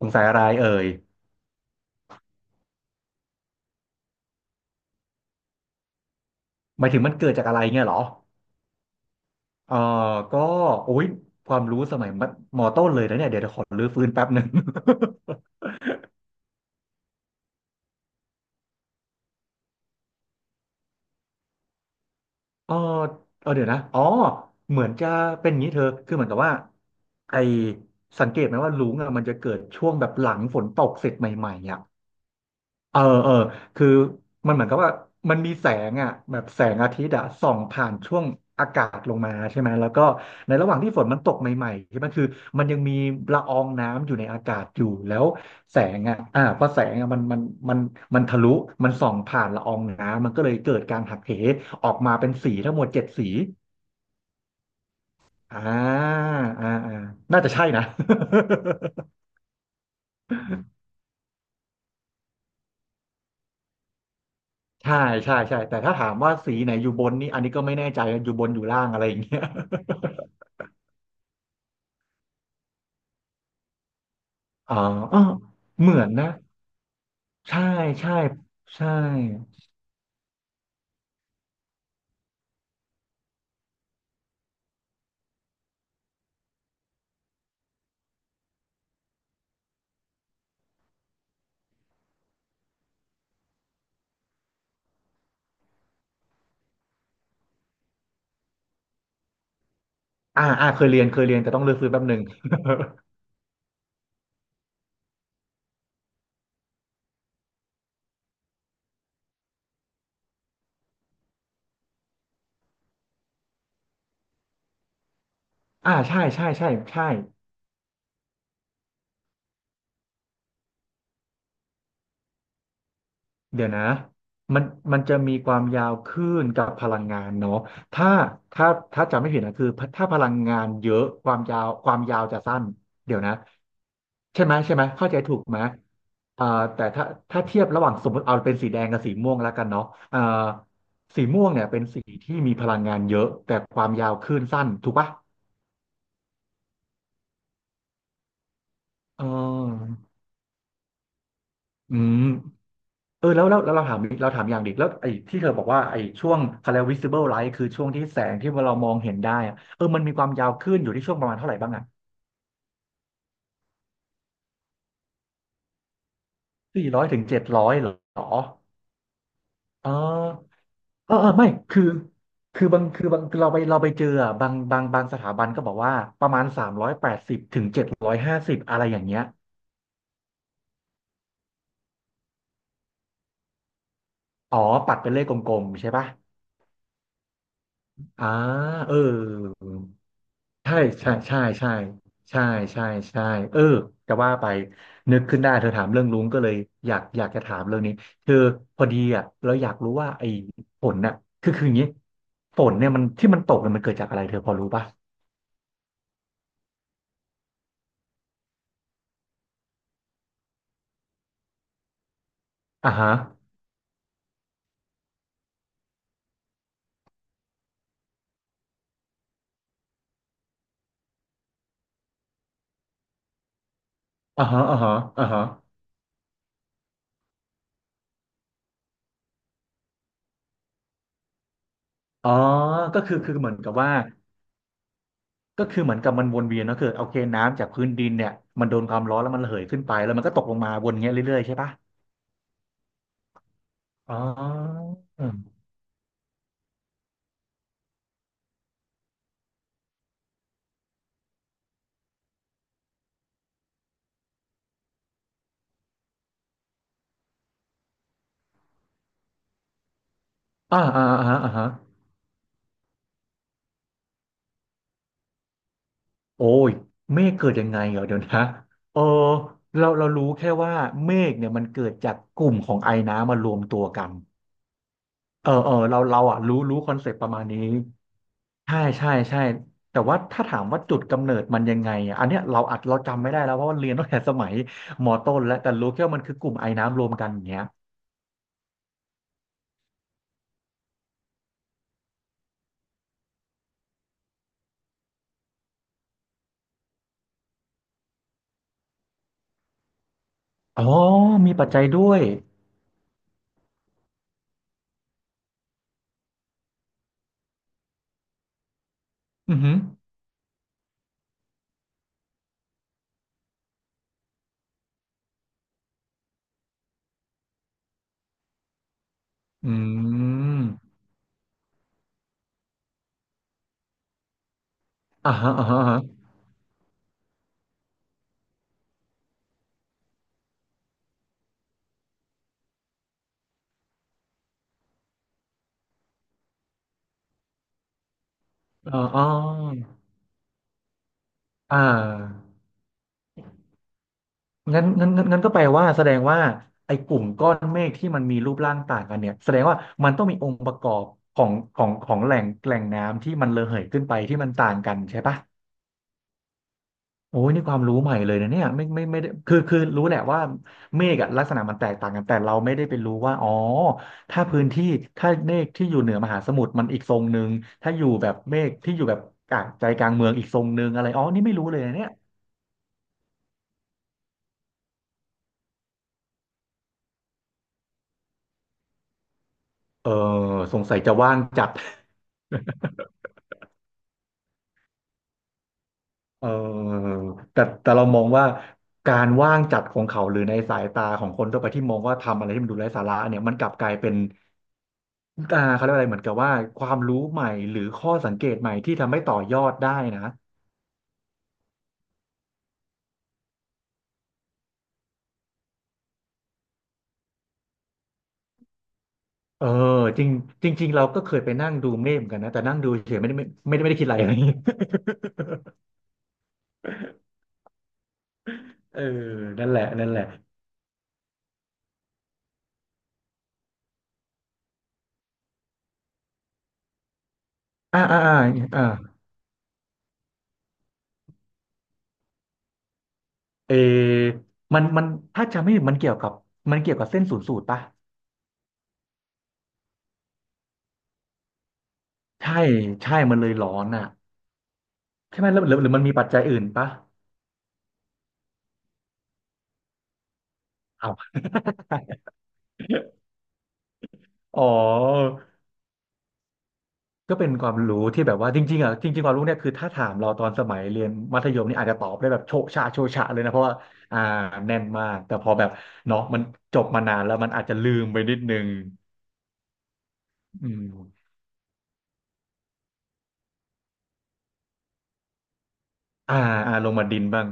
สงสัยอะไรเอ่ยหมายถึงมันเกิดจากอะไรเงี้ยเหรอเออก็โอ้ยความรู้สมัยมัธมต้นเลยนะเนี่ยเดี๋ยวขอรื้อฟื้นแป๊บหนึ่ง เออเออเดี๋ยวนะอ๋อเหมือนจะเป็นอย่างนี้เธอ คือเหมือนกับว่าไอสังเกตไหมว่าลุงอะมันจะเกิดช่วงแบบหลังฝนตกเสร็จใหม่ๆอ่ะ เออเออคือมันเหมือนกับว่ามันมีแสงอ่ะแบบแสงอาทิตย์อ่ะส่องผ่านช่วงอากาศลงมาใช่ไหมแล้วก็ในระหว่างที่ฝนมันตกใหม่ๆใช่ไหมคือมันยังมีละอองน้ำอยู่ในอากาศอยู่แล้วแสงอ่ะพอแสงอ่ะมันมันทะลุมันส่องผ่านละอองน้ำมันก็เลยเกิดการหักเหออกมาเป็นสีทั้งหมดเจ็ดสีอ่าอ่าอ่าน่าจะใช่นะ ใช่ใช่ใช่แต่ถ้าถามว่าสีไหนอยู่บนนี่อันนี้ก็ไม่แน่ใจอยู่บนอยู่ล่างอะไรอย่างเงี้ย อ๋ออ้อเหมือนนะ ใช่ใช่ใช่อ่าอ่าเคยเรียนเคยเรียน แต่ต้องเลือกฟื้นแป๊บหนึ่งอ่าใช่ใช่ใช่ใช่ เดี๋ยวนะมันมันจะมีความยาวคลื่นกับพลังงานเนาะถ้า ถ้าถ้าจำไม่ผิดนะคือ ถ้าพลังงานเยอะ ความยาวจะสั้น เดี๋ยวนะใช่ไหมใช่ไหม เข้าใจถูกไหมอ่าแต่ถ้าเทียบระหว่างสมมติเอาเป็นสีแดงกับสีม่วงแล้วกันเนาะอ่าสีม่วงเนี่ยเป็นสีที่มีพลังงานเยอะแต่ความยาวคลื่นสั้นถูกปะเอออืม เออแล้วเราถามอีกเราถามอย่างดิแล้วไอ้ที่เธอบอกว่าไอ้ช่วงเขาเร visible light คือช่วงที่แสงที่เรามองเห็นได้อะเออมันมีความยาวขึ้นอยู่ที่ช่วงประมาณเท่าไหร่บ้างอ่ะ400-750เหรอเออเออเออไม่คือบางคือบางคือเราไปเจออะบางสถาบันก็บอกว่าประมาณ380-750อะไรอย่างเงี้ยอ๋อปัดเป็นเลขกลมๆใช่ปะอ่าเออ ใช่ใช่ใช่ใช่ใช่ใช่ใช่เออจะว่าไปนึกขึ้นได้เธอถามเรื่องลุงก็เลยอยากจะถามเรื่องนี้คือพอดีอ่ะเราอยากรู้ว่าไอ้ฝนน่ะคืออย่างนี้ฝนเนี่ยมันที่มันตกเนี่ยมันเกิดจากอะไรเธอพอรู้ป่ะอ่าฮะอ่าฮะอ่าฮะอ่าฮะอ๋อก็คือเหมือนกับว่าก็คือเหมือนกับมันวนเวียนเนอะคือโอเคน้ำจากพื้นดินเนี่ยมันโดนความร้อนแล้วมันระเหยขึ้นไปแล้วมันก็ตกลงมาวนเงี้ยเรื่อยๆใช่ป่ะอ๋ออ่าอ่าอ่าฮะอ่าฮะ โอ้ยเมฆเกิดยังไงเหรอเดี๋ยวนะเออเรารู้แค่ว่าเมฆเนี่ยมันเกิดจากกลุ่มของไอน้ำมารวมตัวกันเออเออเราอ่ะรู้คอนเซปต์ประมาณนี้ใช่ใช่ใช่ แต่ว่าถ้าถามว่าจุดกำเนิดมันยังไงอะอันเนี้ยเราจำไม่ได้แล้วเพราะว่าเรียนตั้งแต่สมัยมอต้นแล้วแต่รู้แค่ว่ามันคือกลุ่มไอน้ำรวมกันอย่างเงี้ยอ๋อมีปัจจัยด้วยอือหืออืมอ่าฮะอ่าฮะอ่าฮะอาอ๋ออ่า งั้นก็แปลว่าแสดงว่าไอ้กลุ่มก้อนเมฆที่มันมีรูปร่างต่างกันเนี่ยแสดงว่ามันต้องมีองค์ประกอบของแหล่งน้ำที่มันระเหยขึ้นไปที่มันต่างกันใช่ปะโอ้ยนี่ความรู้ใหม่เลยนะเนี่ยไม่ได้คือรู้แหละว่าเมฆอะลักษณะมันแตกต่างกันแต่เราไม่ได้ไปรู้ว่าอ๋อถ้าพื้นที่ถ้าเมฆที่อยู่เหนือมหาสมุทรมันอีกทรงหนึ่งถ้าอยู่แบบเมฆที่อยู่แบบกลางใจกลางเมืองอีกทรงหนึ่งอะไรอ๋อนี่ไม่รู้เลยนะเนี่ยเออสงสัยจะว่างจัด เออแต่แต่เรามองว่าการว่างจัดของเขาหรือในสายตาของคนทั่วไปที่มองว่าทำอะไรที่มันดูไร้สาระเนี่ยมันกลับกลายเป็นอ่าเขาเรียกว่าอะไรเหมือนกับว่าความรู้ใหม่หรือข้อสังเกตใหม่ที่ทำให้ต่อยอดได้นะเออจริงจริงๆเราก็เคยไปนั่งดูเมฆเหมือนกันนะแต่นั่งดูเฉยไม่ได้คิดอะไร เเอ อนั่นแหละนั่นแหละอ่าอ่าอ่าอ่าเออมันถ้าจำไม่ผิดมันเกี่ยวกับเส้นศูนย์สูตรปะใช่ใช่มันเลยร้อนอ่ะ ใช่ไหมหรือมันมีปัจจัยอื่นปะเอา อ๋อ ก็เป็นความรู้ที่แบบว่าจริงๆความรู้เนี่ยคือถ้าถามเราตอนสมัยเรียนมัธยมนี่อาจจะตอบได้แบบโชะชะโชะชะเลยนะเพราะว่าอ่าแน่นมากแต่พอแบบเนาะมันจบมานานแล้วมันอาจจะลืมไปนิดนึงอืมอ่าอ่าลงมาดินบ้าง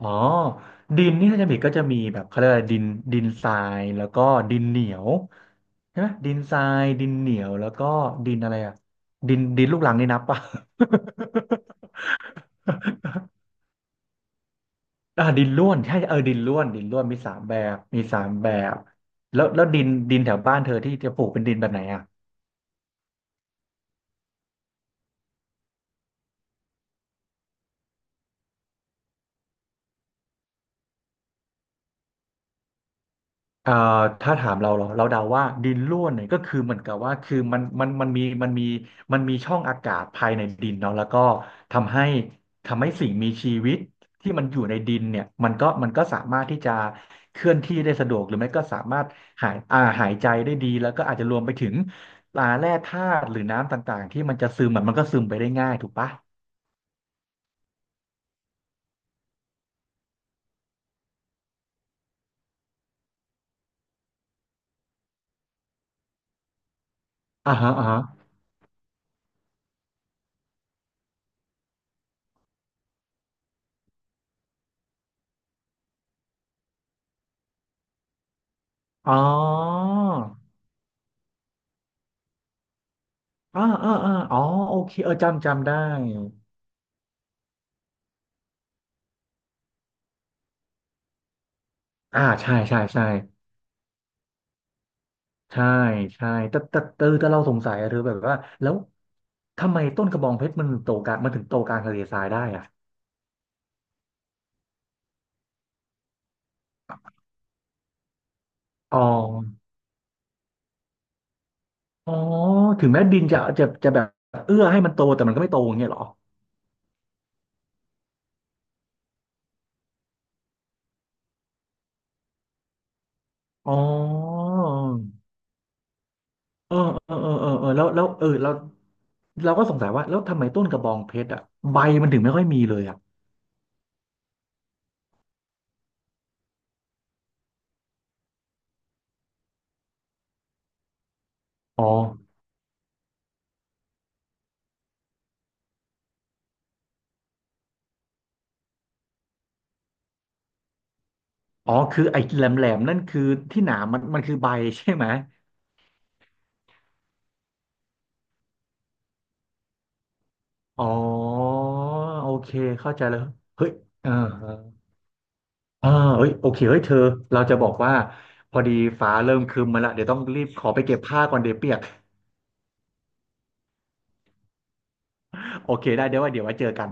อ๋อดินนี่ถ้าจะผิดก็จะมีแบบเขาเรียกอะไรดินดินทรายแล้วก็ดินเหนียวใช่ไหมดินทรายดินเหนียวแล้วก็ดินอะไรอ่ะดินลูกรังนี่นับป่ะ ดินร่วนใช่เออดินร่วนมีสามแบบแล้วดินแถวบ้านเธอที่จะปลูกเป็นดินแบบไหนอ่ะ เอ่อถ้าถามเราเดาว่าดินร่วนเนี่ยก็คือเหมือนกับว่าคือมันมีช่องอากาศภายในดินเนาะแล้วก็ทำให้ทำให้สิ่งมีชีวิตที่มันอยู่ในดินเนี่ยมันก็สามารถที่จะเคลื่อนที่ได้สะดวกหรือไม่ก็สามารถหายใจได้ดีแล้วก็อาจจะรวมไปถึงปลาแร่ธาตุหรือน้ำต่างๆที่มันจะซึมอะมันก็ซึมไปได้ง่ายถูกปะอ่าฮะอ่าฮะอ๋ออ่าอ่าอ่าอ๋อโอเคเออจำได้อ่าใช่ใช่ใช่ ใช่ใช่แต่เราสงสัยอะเธอแบบว่าแล้วทำไมต้นกระบองเพชรมันถึงโตกลางทะเลทรายได้อ่ะอ๋ออ๋อถึงแม้ดินจะแบบเอื้อให้มันโตแต่มันก็ไม่โตอย่างเงี้ยเหรออ๋อเออเออเออเออเออแล้วเออเราก็สงสัยว่าแล้วทำไมต้นกระบองเพชรอ่ะใบมันถึงไม่ค่อยมีเลยอ่ะอ๋ออ๋อคือไอ้แหลมแหลมนั่นคือที่หนามมันคือใบใช่ไหมอ๋อโอเคเข้าใจแล้วเฮ้ยเออ อ่าเอ้ยโอเคเฮ้ยเธอเราจะบอกว่าพอดีฟ้าเริ่มครึ้มมาละ เดี๋ยวต้องรีบขอไปเก็บผ้าก่อนเดี๋ยวเปียก โอเคได้เดี๋ยวว่าเดี๋ยวไว้เจอกัน